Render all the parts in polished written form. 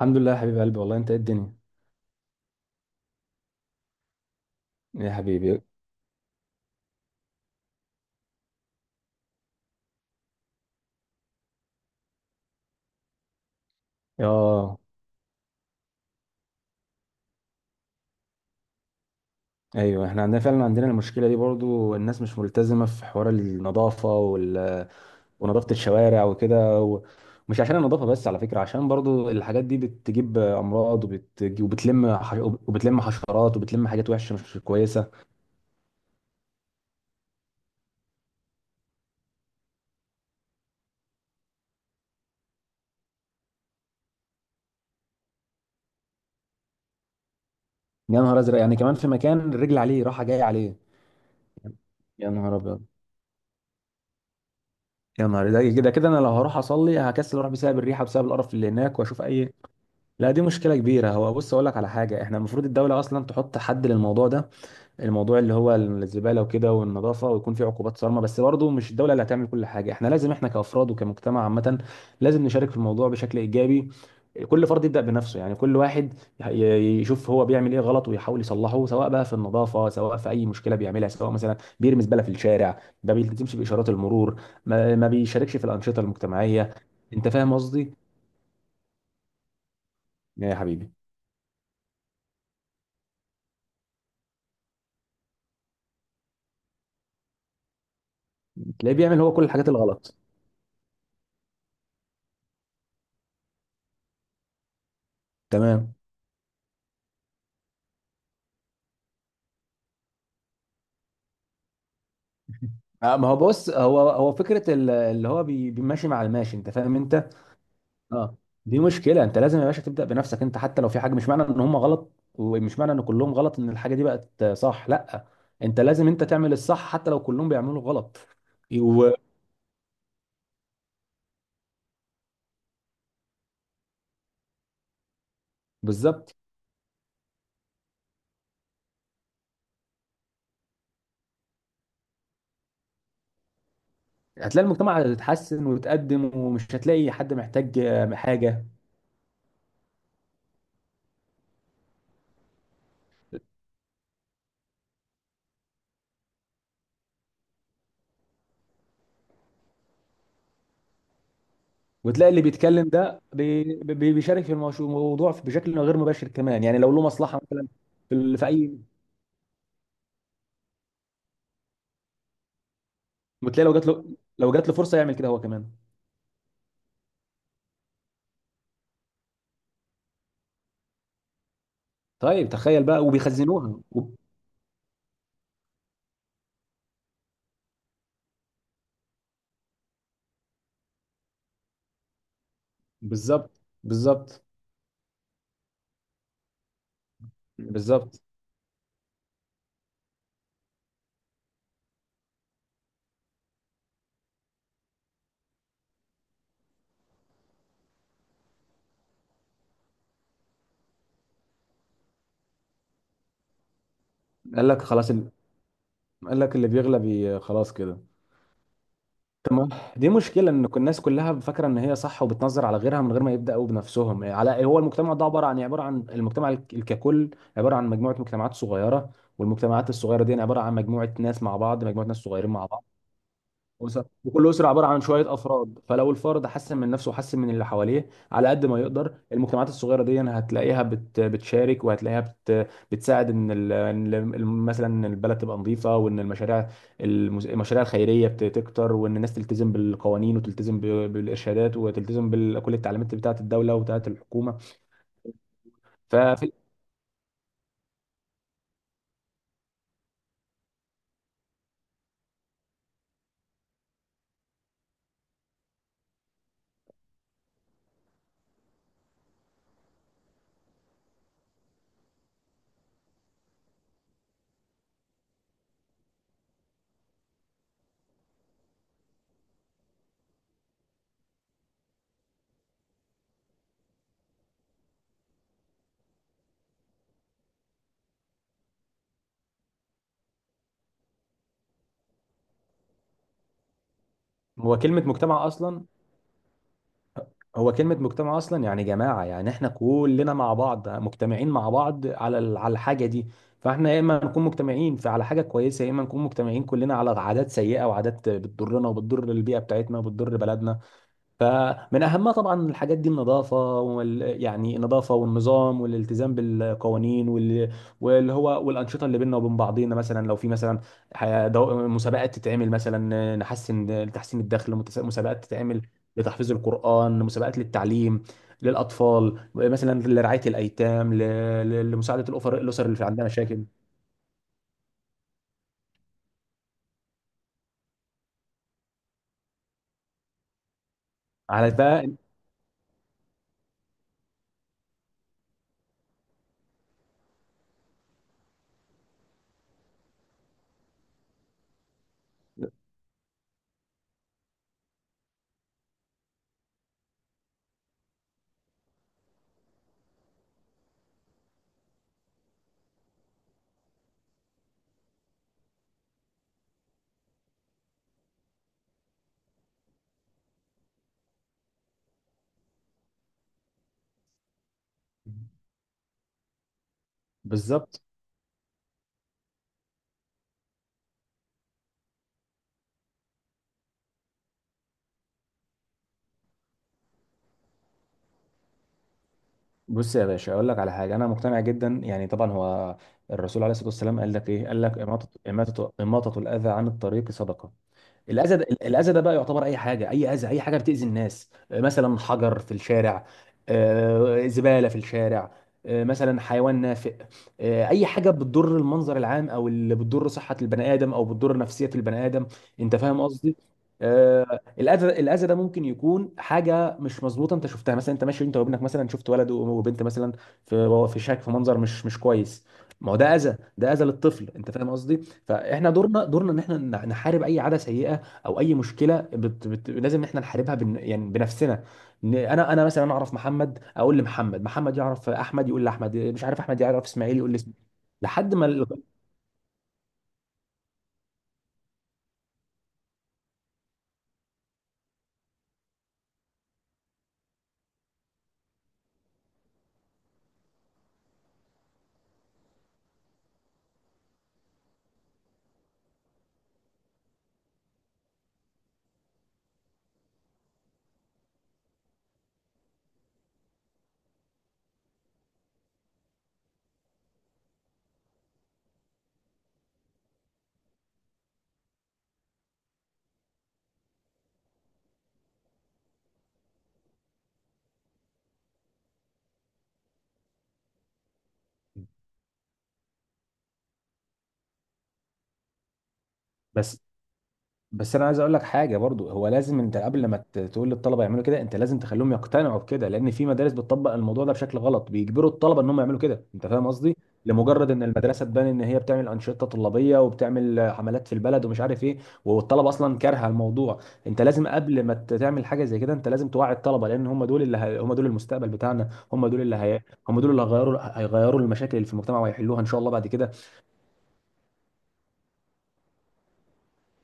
الحمد لله يا حبيب قلبي، والله انت ايه الدنيا. يا حبيبي. اه. ايوه، احنا عندنا فعلا المشكله دي برضو، الناس مش ملتزمه في حوار النظافه ونظافه الشوارع وكده. ومش عشان النظافه بس على فكره، عشان برضو الحاجات دي بتجيب امراض وبتلم حشرات وبتلم حاجات وحشه مش كويسه. يا نهار ازرق، يعني كمان في مكان الرجل عليه راحه جايه عليه. يا نهار ابيض. يا نهار، ده كده كده انا لو هروح اصلي هكسل اروح بسبب الريحه، بسبب القرف اللي هناك، واشوف اي. لا، دي مشكلة كبيرة. هو بص، أقول لك على حاجة، إحنا المفروض الدولة أصلا تحط حد للموضوع ده، الموضوع اللي هو الزبالة وكده والنظافة، ويكون في عقوبات صارمة. بس برضه مش الدولة اللي هتعمل كل حاجة، إحنا لازم إحنا كأفراد وكمجتمع عامة لازم نشارك في الموضوع بشكل إيجابي. كل فرد يبدأ بنفسه، يعني كل واحد يشوف هو بيعمل إيه غلط ويحاول يصلحه، سواء بقى في النظافة، سواء في أي مشكلة بيعملها، سواء مثلا بيرمي زبالة في الشارع، ما بيلتزمش بإشارات المرور، ما بيشاركش في الأنشطة المجتمعية. أنت فاهم قصدي؟ يا حبيبي. تلاقيه بيعمل هو كل الحاجات الغلط. تمام. ما هو بص، هو فكره اللي هو بيمشي مع الماشي، انت فاهم انت. اه. دي مشكله، انت لازم يا باشا تبدا بنفسك انت. حتى لو في حاجه، مش معنى ان هم غلط ومش معنى ان كلهم غلط ان الحاجه دي بقت صح، لا. انت لازم انت تعمل الصح حتى لو كلهم بيعملوا غلط. وبالظبط. هتلاقي المجتمع هيتحسن ويتقدم، ومش هتلاقي حد محتاج حاجه. وتلاقي اللي بيتكلم ده بيشارك في الموضوع بشكل غير مباشر كمان، يعني لو له مصلحه مثلا في في اي. وتلاقي لو جات له فرصه يعمل كده هو كمان. طيب تخيل بقى، وبيخزنوها بالظبط، بالظبط، بالظبط. قال لك قال لك اللي بيغلب خلاص كده. تمام. دي مشكله، ان الناس كلها فاكره ان هي صح وبتنظر على غيرها من غير ما يبداوا بنفسهم. إيه، على إيه، هو المجتمع ده عباره عن المجتمع ككل، عباره عن مجموعه مجتمعات صغيره. والمجتمعات الصغيره دي يعني عباره عن مجموعه ناس مع بعض، مجموعه ناس صغيرين مع بعض. أسر. وكل أسرة عبارة عن شوية أفراد. فلو الفرد حسن من نفسه وحسن من اللي حواليه على قد ما يقدر، المجتمعات الصغيرة دي هتلاقيها بتشارك وهتلاقيها بتساعد، مثلا إن البلد تبقى نظيفة وإن المشاريع الخيرية تكتر، وإن الناس تلتزم بالقوانين وتلتزم بالإرشادات وتلتزم بكل التعليمات بتاعة الدولة وبتاعة الحكومة. ففي هو كلمة مجتمع أصلا هو كلمة مجتمع أصلا يعني جماعة، يعني إحنا كلنا مع بعض مجتمعين مع بعض على الحاجة دي. فإحنا يا إما نكون مجتمعين على حاجة كويسة، يا إما نكون مجتمعين كلنا على عادات سيئة وعادات بتضرنا وبتضر البيئة بتاعتنا وبتضر بلدنا. فمن اهمها طبعا الحاجات دي النظافه يعني النظافه والنظام والالتزام بالقوانين وال... واللي هو والانشطه اللي بيننا وبين بعضينا، مثلا لو في مثلا مسابقات تتعمل، مثلا نحسن لتحسين الدخل، مسابقات تتعمل لتحفيظ القران، مسابقات للتعليم للاطفال مثلا، لرعايه الايتام، لمساعده الاسر اللي في عندها مشاكل. على بقى بالظبط. بص يا باشا، اقول لك على حاجه. انا مقتنع جدا، يعني طبعا هو الرسول عليه الصلاه والسلام قال لك ايه، قال لك اماطه الاذى عن الطريق صدقه. الاذى ده بقى يعتبر اي حاجه، اي اذى، اي حاجه بتاذي الناس. مثلا حجر في الشارع، زباله في الشارع، مثلا حيوان نافق، اي حاجه بتضر المنظر العام او اللي بتضر صحه البني ادم او بتضر نفسيه البني ادم. انت فاهم قصدي. الاذى ده ممكن يكون حاجه مش مظبوطه انت شفتها، مثلا انت ماشي انت وابنك، مثلا شفت ولد وبنت مثلا في شك في منظر مش كويس. ما هو ده اذى، ده اذى للطفل. انت فاهم قصدي. فاحنا دورنا ان احنا نحارب اي عاده سيئه، او اي مشكله لازم إن احنا نحاربها يعني بنفسنا. إن انا مثلا اعرف محمد اقول لمحمد، محمد يعرف احمد يقول لاحمد، مش عارف احمد يعرف اسماعيل يقول لاسماعيل لحد ما بس بس انا عايز اقول لك حاجه برضو، هو لازم انت قبل ما تقول للطلبه يعملوا كده انت لازم تخليهم يقتنعوا بكده، لان في مدارس بتطبق الموضوع ده بشكل غلط، بيجبروا الطلبه ان هم يعملوا كده. انت فاهم قصدي. لمجرد ان المدرسه تبان ان هي بتعمل انشطه طلابيه وبتعمل حملات في البلد ومش عارف ايه، والطلبه اصلا كارهه الموضوع. انت لازم قبل ما تعمل حاجه زي كده انت لازم توعي الطلبه، لان هم دول هم دول المستقبل بتاعنا، هم دول اللي هيغيروا المشاكل اللي في المجتمع ويحلوها ان شاء الله بعد كده.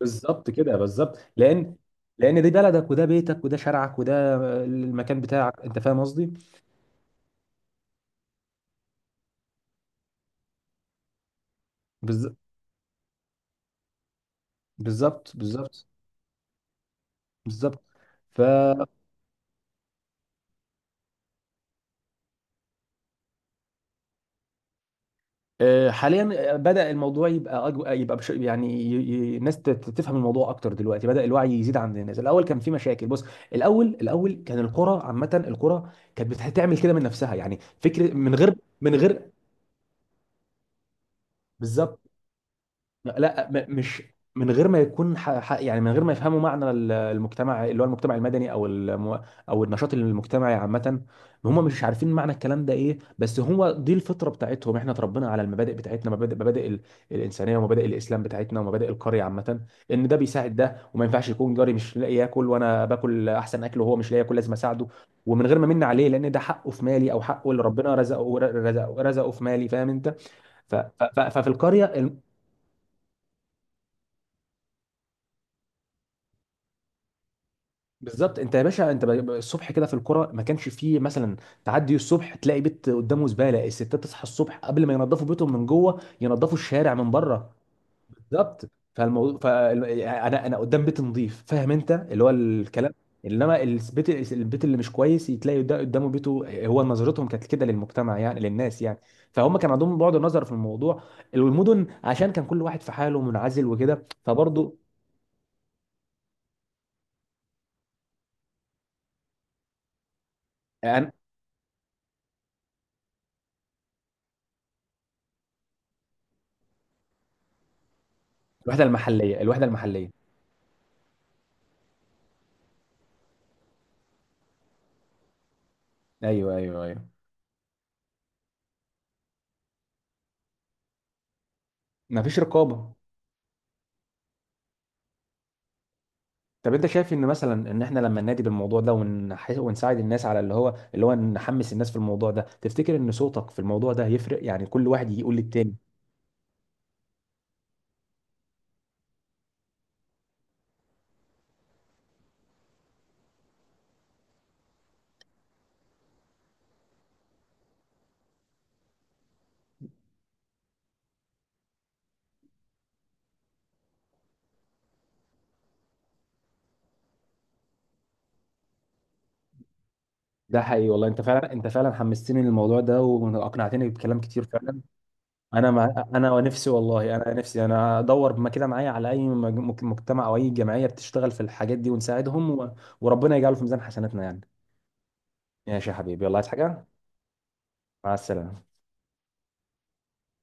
بالظبط كده بالظبط، لان دي بلدك وده بيتك وده شارعك وده المكان بتاعك، انت فاهم قصدي. بالظ- بالظبط، بالظبط، بالظبط. ف حاليا، بدأ الموضوع يبقى أجو... يبقى بش... يعني ي... ي... الناس تفهم الموضوع اكتر دلوقتي، بدأ الوعي يزيد عند الناس. الاول كان في مشاكل بص، الاول كان القرى، عامة القرى كانت بتعمل كده من نفسها، يعني فكرة من غير من غير بالظبط. لا مش من غير ما يكون يعني من غير ما يفهموا معنى المجتمع اللي هو المجتمع المدني او او النشاط المجتمعي عامه، هم مش عارفين معنى الكلام ده ايه، بس هو دي الفطره بتاعتهم. احنا اتربينا على المبادئ بتاعتنا، مبادئ الانسانيه ومبادئ الاسلام بتاعتنا ومبادئ القريه عامه، ان ده بيساعد ده. وما ينفعش يكون جاري مش لاقي ياكل وانا باكل احسن اكل وهو مش لاقي ياكل، لازم اساعده، ومن غير ما من عليه، لان ده حقه في مالي، او حقه اللي ربنا رزقه في مالي. فاهم انت. ففي القريه بالظبط، انت يا باشا انت الصبح كده في القرى ما كانش فيه مثلا، تعدي الصبح تلاقي بيت قدامه زباله. الستات تصحى الصبح قبل ما ينظفوا بيتهم من جوه ينظفوا الشارع من بره. بالظبط، فالموضوع، فانا انا أنا قدام بيت نظيف، فاهم انت، اللي هو الكلام. انما البيت اللي مش كويس تلاقي ده قدامه بيته. هو نظرتهم كانت كده للمجتمع، يعني للناس يعني. فهم كان عندهم بعد النظر في الموضوع. المدن عشان كان كل واحد في حاله منعزل وكده فبرضه. أنا- الوحده المحليه. ايوه، ايوه، ايوه. مفيش رقابه. طب انت شايف ان مثلا ان احنا لما ننادي بالموضوع ده ونساعد الناس على اللي هو نحمس الناس في الموضوع ده، تفتكر ان صوتك في الموضوع ده هيفرق، يعني كل واحد يجي يقول للتاني؟ ده حقيقي والله، انت فعلا حمستني للموضوع ده واقنعتني بكلام كتير فعلا. انا ما... انا نفسي والله، انا ادور ما كده معايا على اي مجتمع او اي جمعيه بتشتغل في الحاجات دي ونساعدهم وربنا يجعله في ميزان حسناتنا يعني. ماشي يا حبيبي، والله عايز حاجه. مع السلامه.